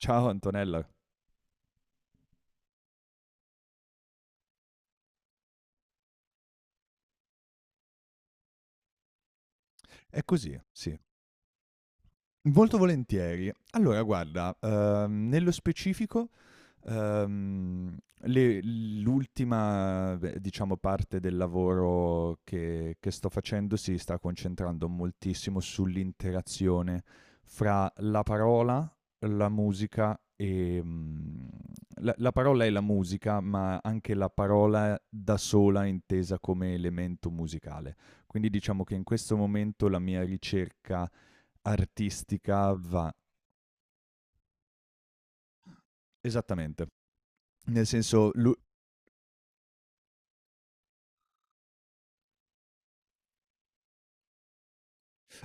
Ciao Antonella. È così, sì. Molto volentieri. Allora guarda, nello specifico. Ehm, L'ultima, parte del lavoro che sto facendo si sta concentrando moltissimo sull'interazione fra la parola, la musica e... la parola e la musica, ma anche la parola da sola intesa come elemento musicale. Quindi diciamo che in questo momento la mia ricerca artistica va... Esattamente. Nel senso,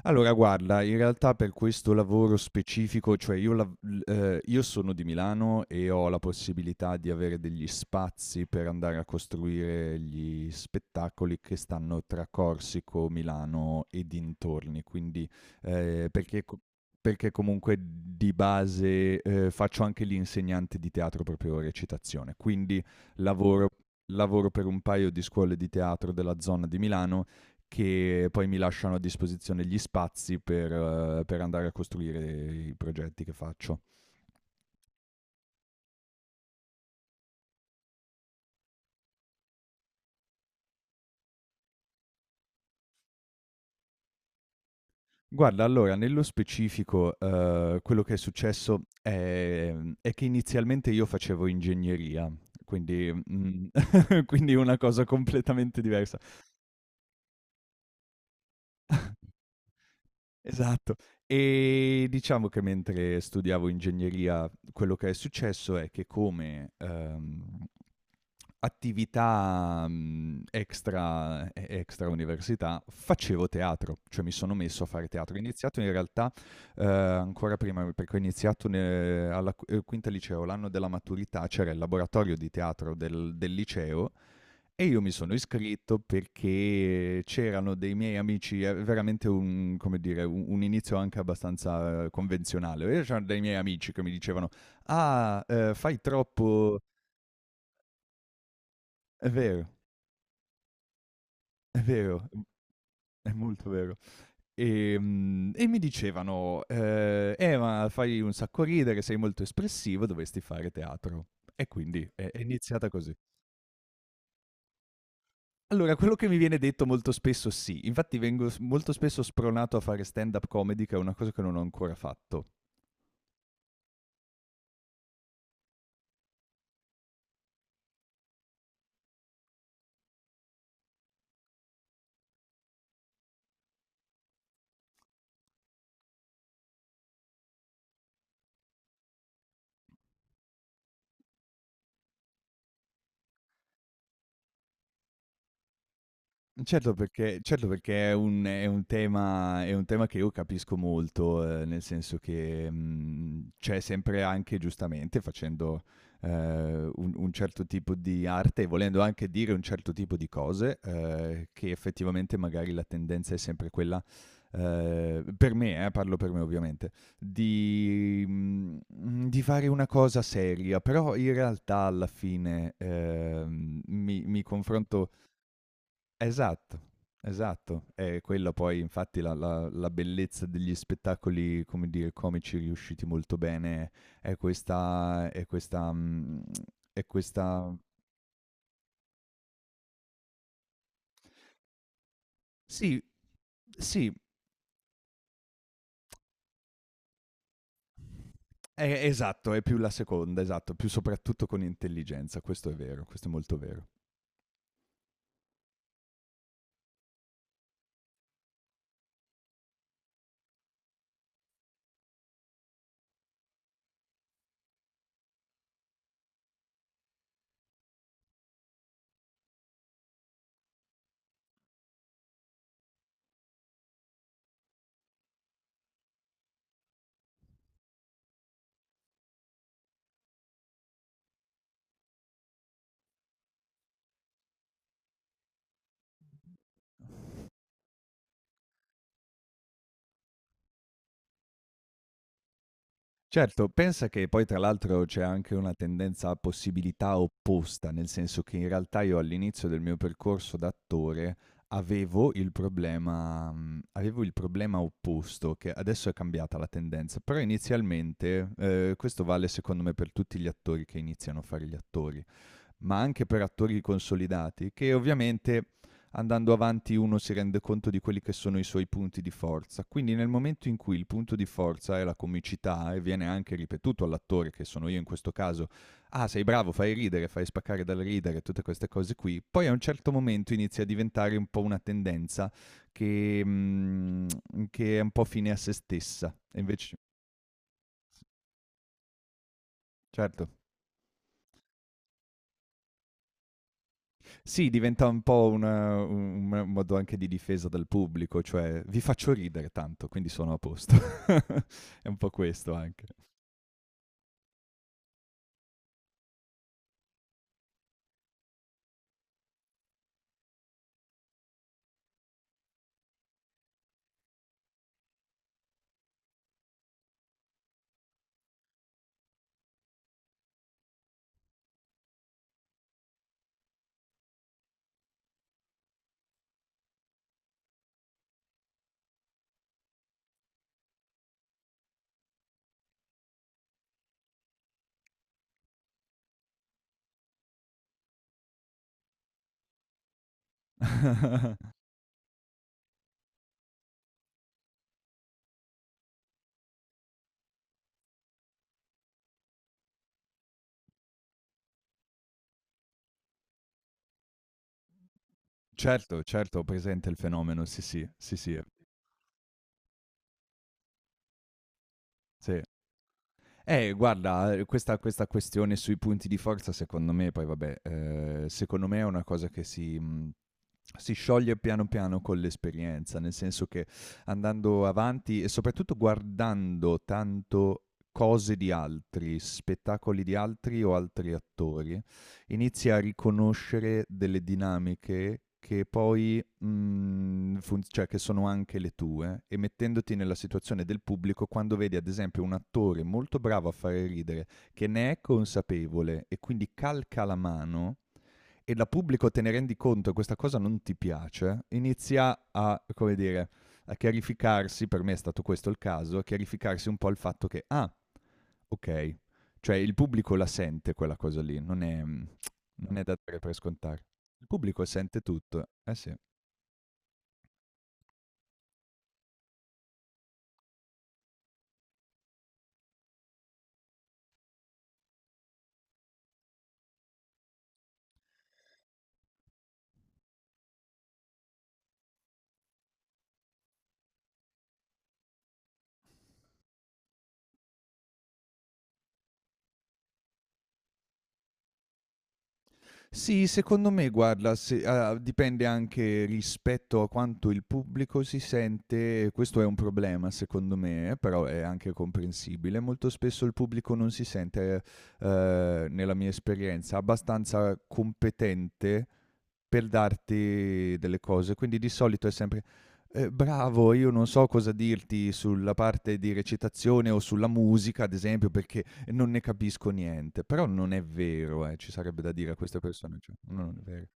Allora guarda, in realtà per questo lavoro specifico, cioè io lav l io sono di Milano e ho la possibilità di avere degli spazi per andare a costruire gli spettacoli che stanno tra Corsico, Milano e dintorni, quindi ehm, perché co perché comunque di base, faccio anche l'insegnante di teatro proprio recitazione, quindi lavoro lavoro per un paio di scuole di teatro della zona di Milano che poi mi lasciano a disposizione gli spazi per andare a costruire i progetti che faccio. Guarda, allora, nello specifico, quello che è successo è che inizialmente io facevo ingegneria, quindi, quindi una cosa completamente diversa. Esatto. Diciamo che mentre studiavo ingegneria, quello che è successo è che come, attività, extra e extra università, facevo teatro, cioè mi sono messo a fare teatro. Ho iniziato in realtà, ancora prima perché ho iniziato ne alla q quinta liceo, l'anno della maturità c'era il laboratorio di teatro del liceo e io mi sono iscritto perché c'erano dei miei amici, è veramente un, come dire, un inizio anche abbastanza convenzionale. E c'erano dei miei amici che mi dicevano: "Ah, fai troppo." È vero, è vero, è molto vero. Mi dicevano: ma fai un sacco ridere, sei molto espressivo, dovresti fare teatro." E quindi è iniziata così. Allora, quello che mi viene detto molto spesso sì, infatti vengo s molto spesso spronato a fare stand-up comedy, che è una cosa che non ho ancora fatto. Certo perché è un tema che io capisco molto, nel senso che, c'è sempre anche giustamente facendo, un certo tipo di arte e volendo anche dire un certo tipo di cose, che effettivamente magari la tendenza è sempre quella, per me parlo per me ovviamente, di di fare una cosa seria, però in realtà alla fine, mi confronto. Esatto, esatto. È quella poi, infatti, la bellezza degli spettacoli, come dire, comici riusciti molto bene, è questa, è questa... Sì, sì, esatto, è più la seconda, esatto, più soprattutto con intelligenza, questo è vero, questo è molto vero. Certo, pensa che poi tra l'altro c'è anche una tendenza a possibilità opposta, nel senso che in realtà io all'inizio del mio percorso d'attore avevo il problema avevo il problema opposto, che adesso è cambiata la tendenza, però inizialmente, questo vale secondo me per tutti gli attori che iniziano a fare gli attori, ma anche per attori consolidati, che ovviamente andando avanti uno si rende conto di quelli che sono i suoi punti di forza. Quindi nel momento in cui il punto di forza è la comicità e viene anche ripetuto all'attore, che sono io in questo caso, "ah sei bravo, fai ridere, fai spaccare dal ridere", tutte queste cose qui, poi a un certo momento inizia a diventare un po' una tendenza che, mm, che è un po' fine a se stessa. E invece, sì, certo. Sì, diventa un po' un modo anche di difesa del pubblico, cioè: "Vi faccio ridere tanto, quindi sono a posto." È un po' questo anche. Certo, certo, ho presente il fenomeno, sì, sì, sì, sì, sì. Guarda, questa questione sui punti di forza, secondo me, poi vabbè, secondo me è una cosa che si scioglie piano piano con l'esperienza, nel senso che andando avanti e soprattutto guardando tanto cose di altri, spettacoli di altri o altri attori, inizi a riconoscere delle dinamiche che poi, mhmm, fun cioè che sono anche le tue e mettendoti nella situazione del pubblico quando vedi ad esempio un attore molto bravo a fare ridere, che ne è consapevole e quindi calca la mano e da pubblico te ne rendi conto e questa cosa non ti piace, inizia a, come dire, a chiarificarsi, per me è stato questo il caso, a chiarificarsi un po' il fatto che: "Ah, okay". Cioè il pubblico la sente quella cosa lì, non è da dare per scontato. Il pubblico sente tutto, eh sì. Sì, secondo me, guarda, dipende anche rispetto a quanto il pubblico si sente, questo è un problema secondo me, però è anche comprensibile. Molto spesso il pubblico non si sente, nella mia esperienza, abbastanza competente per darti delle cose, quindi di solito è sempre... bravo, io non so cosa dirti sulla parte di recitazione o sulla musica, ad esempio, perché non ne capisco niente", però non è vero, ci sarebbe da dire a queste persone, cioè, no, non è vero.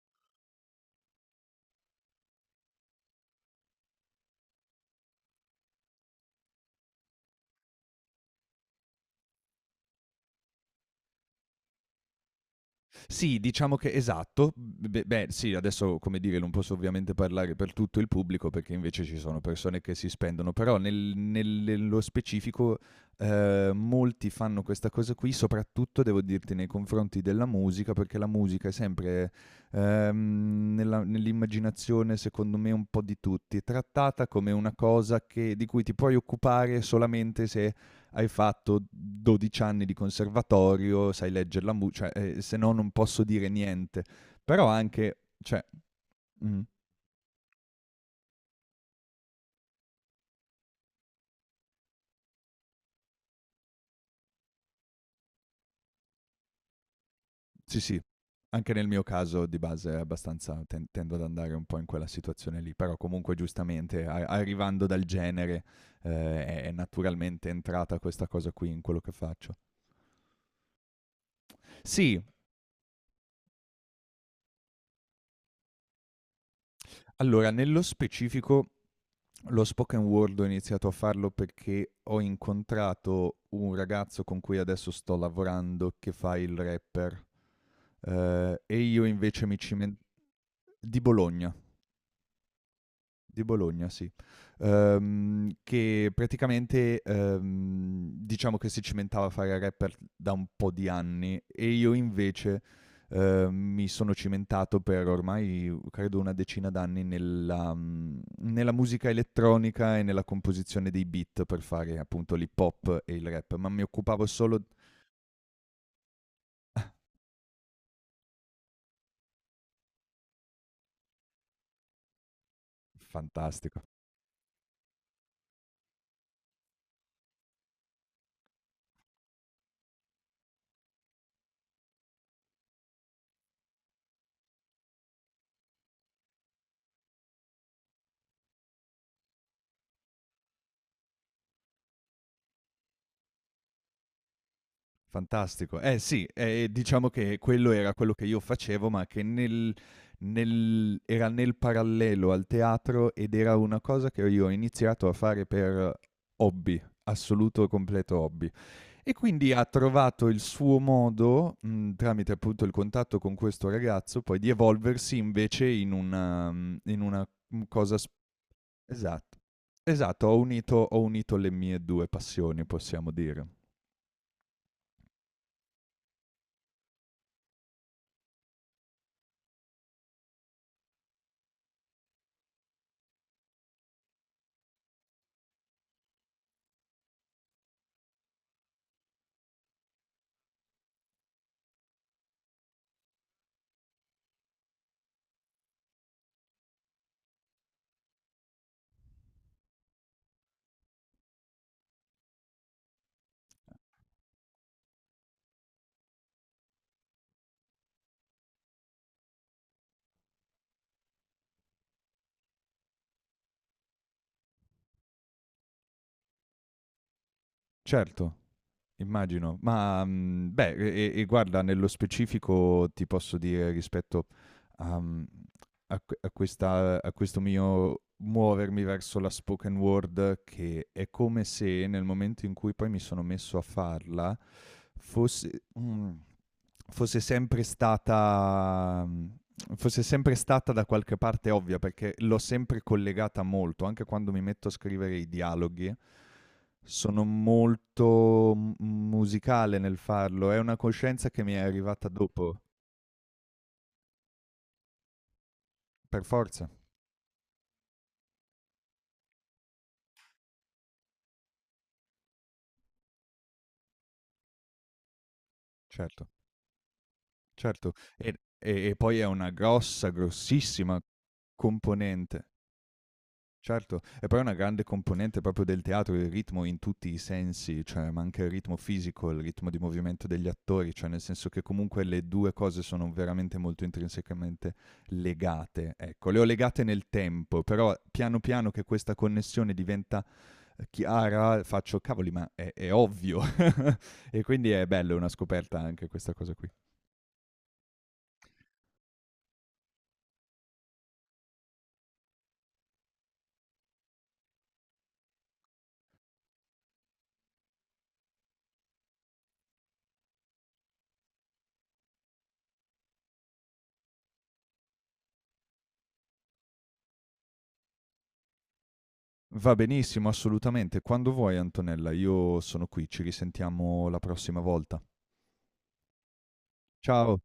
Sì, diciamo che esatto. B Beh, sì, adesso, come dire, non posso ovviamente parlare per tutto il pubblico, perché invece ci sono persone che si spendono, però nel nello specifico, molti fanno questa cosa qui, soprattutto devo dirti nei confronti della musica, perché la musica è sempre, nella nell'immaginazione, secondo me, un po' di tutti, trattata come una cosa che di cui ti puoi occupare solamente se hai fatto 12 anni di conservatorio, sai leggere la musica, cioè, se no non posso dire niente. Però anche, cioè, mm, sì sì, anche nel mio caso di base è abbastanza, tendo ad andare un po' in quella situazione lì, però comunque giustamente arrivando dal genere è naturalmente entrata questa cosa qui in quello che faccio. Sì, allora nello specifico lo spoken word ho iniziato a farlo perché ho incontrato un ragazzo con cui adesso sto lavorando che fa il rapper, e io invece mi cimen di Bologna. Di Bologna, sì. Che praticamente diciamo che si cimentava a fare rapper da un po' di anni e io invece mi sono cimentato per ormai credo una decina d'anni nella, nella musica elettronica e nella composizione dei beat per fare appunto l'hip hop e il rap, ma mi occupavo solo... Fantastico. Fantastico. Eh sì, diciamo che quello era quello che io facevo, ma che nel era nel parallelo al teatro ed era una cosa che io ho iniziato a fare per hobby, assoluto e completo hobby. E quindi ha trovato il suo modo, tramite appunto il contatto con questo ragazzo, poi di evolversi invece in una, mhmm, cosa s esatto. Esatto, ho unito le mie 2 passioni, possiamo dire. Certo. Immagino, ma, beh, guarda, nello specifico ti posso dire rispetto a mhmm, a que a questa a questo mio muovermi verso la spoken word, che è come se nel momento in cui poi mi sono messo a farla, fosse mhmm, fosse sempre stata mhmm, fosse sempre stata da qualche parte ovvia, perché l'ho sempre collegata molto, anche quando mi metto a scrivere i dialoghi sono molto m musicale nel farlo, è una coscienza che mi è arrivata dopo, per forza, certo, certo. Poi è una grossa, grossissima componente, certo. E poi è una grande componente proprio del teatro, il ritmo in tutti i sensi, cioè, ma anche il ritmo fisico, il ritmo di movimento degli attori, cioè nel senso che comunque le 2 cose sono veramente molto intrinsecamente legate, ecco. Le ho legate nel tempo, però piano piano che questa connessione diventa chiara, faccio cavoli, ma è ovvio. E quindi è bello, è una scoperta anche questa cosa qui. Va benissimo, assolutamente. Quando vuoi, Antonella, io sono qui. Ci risentiamo la prossima volta. Ciao.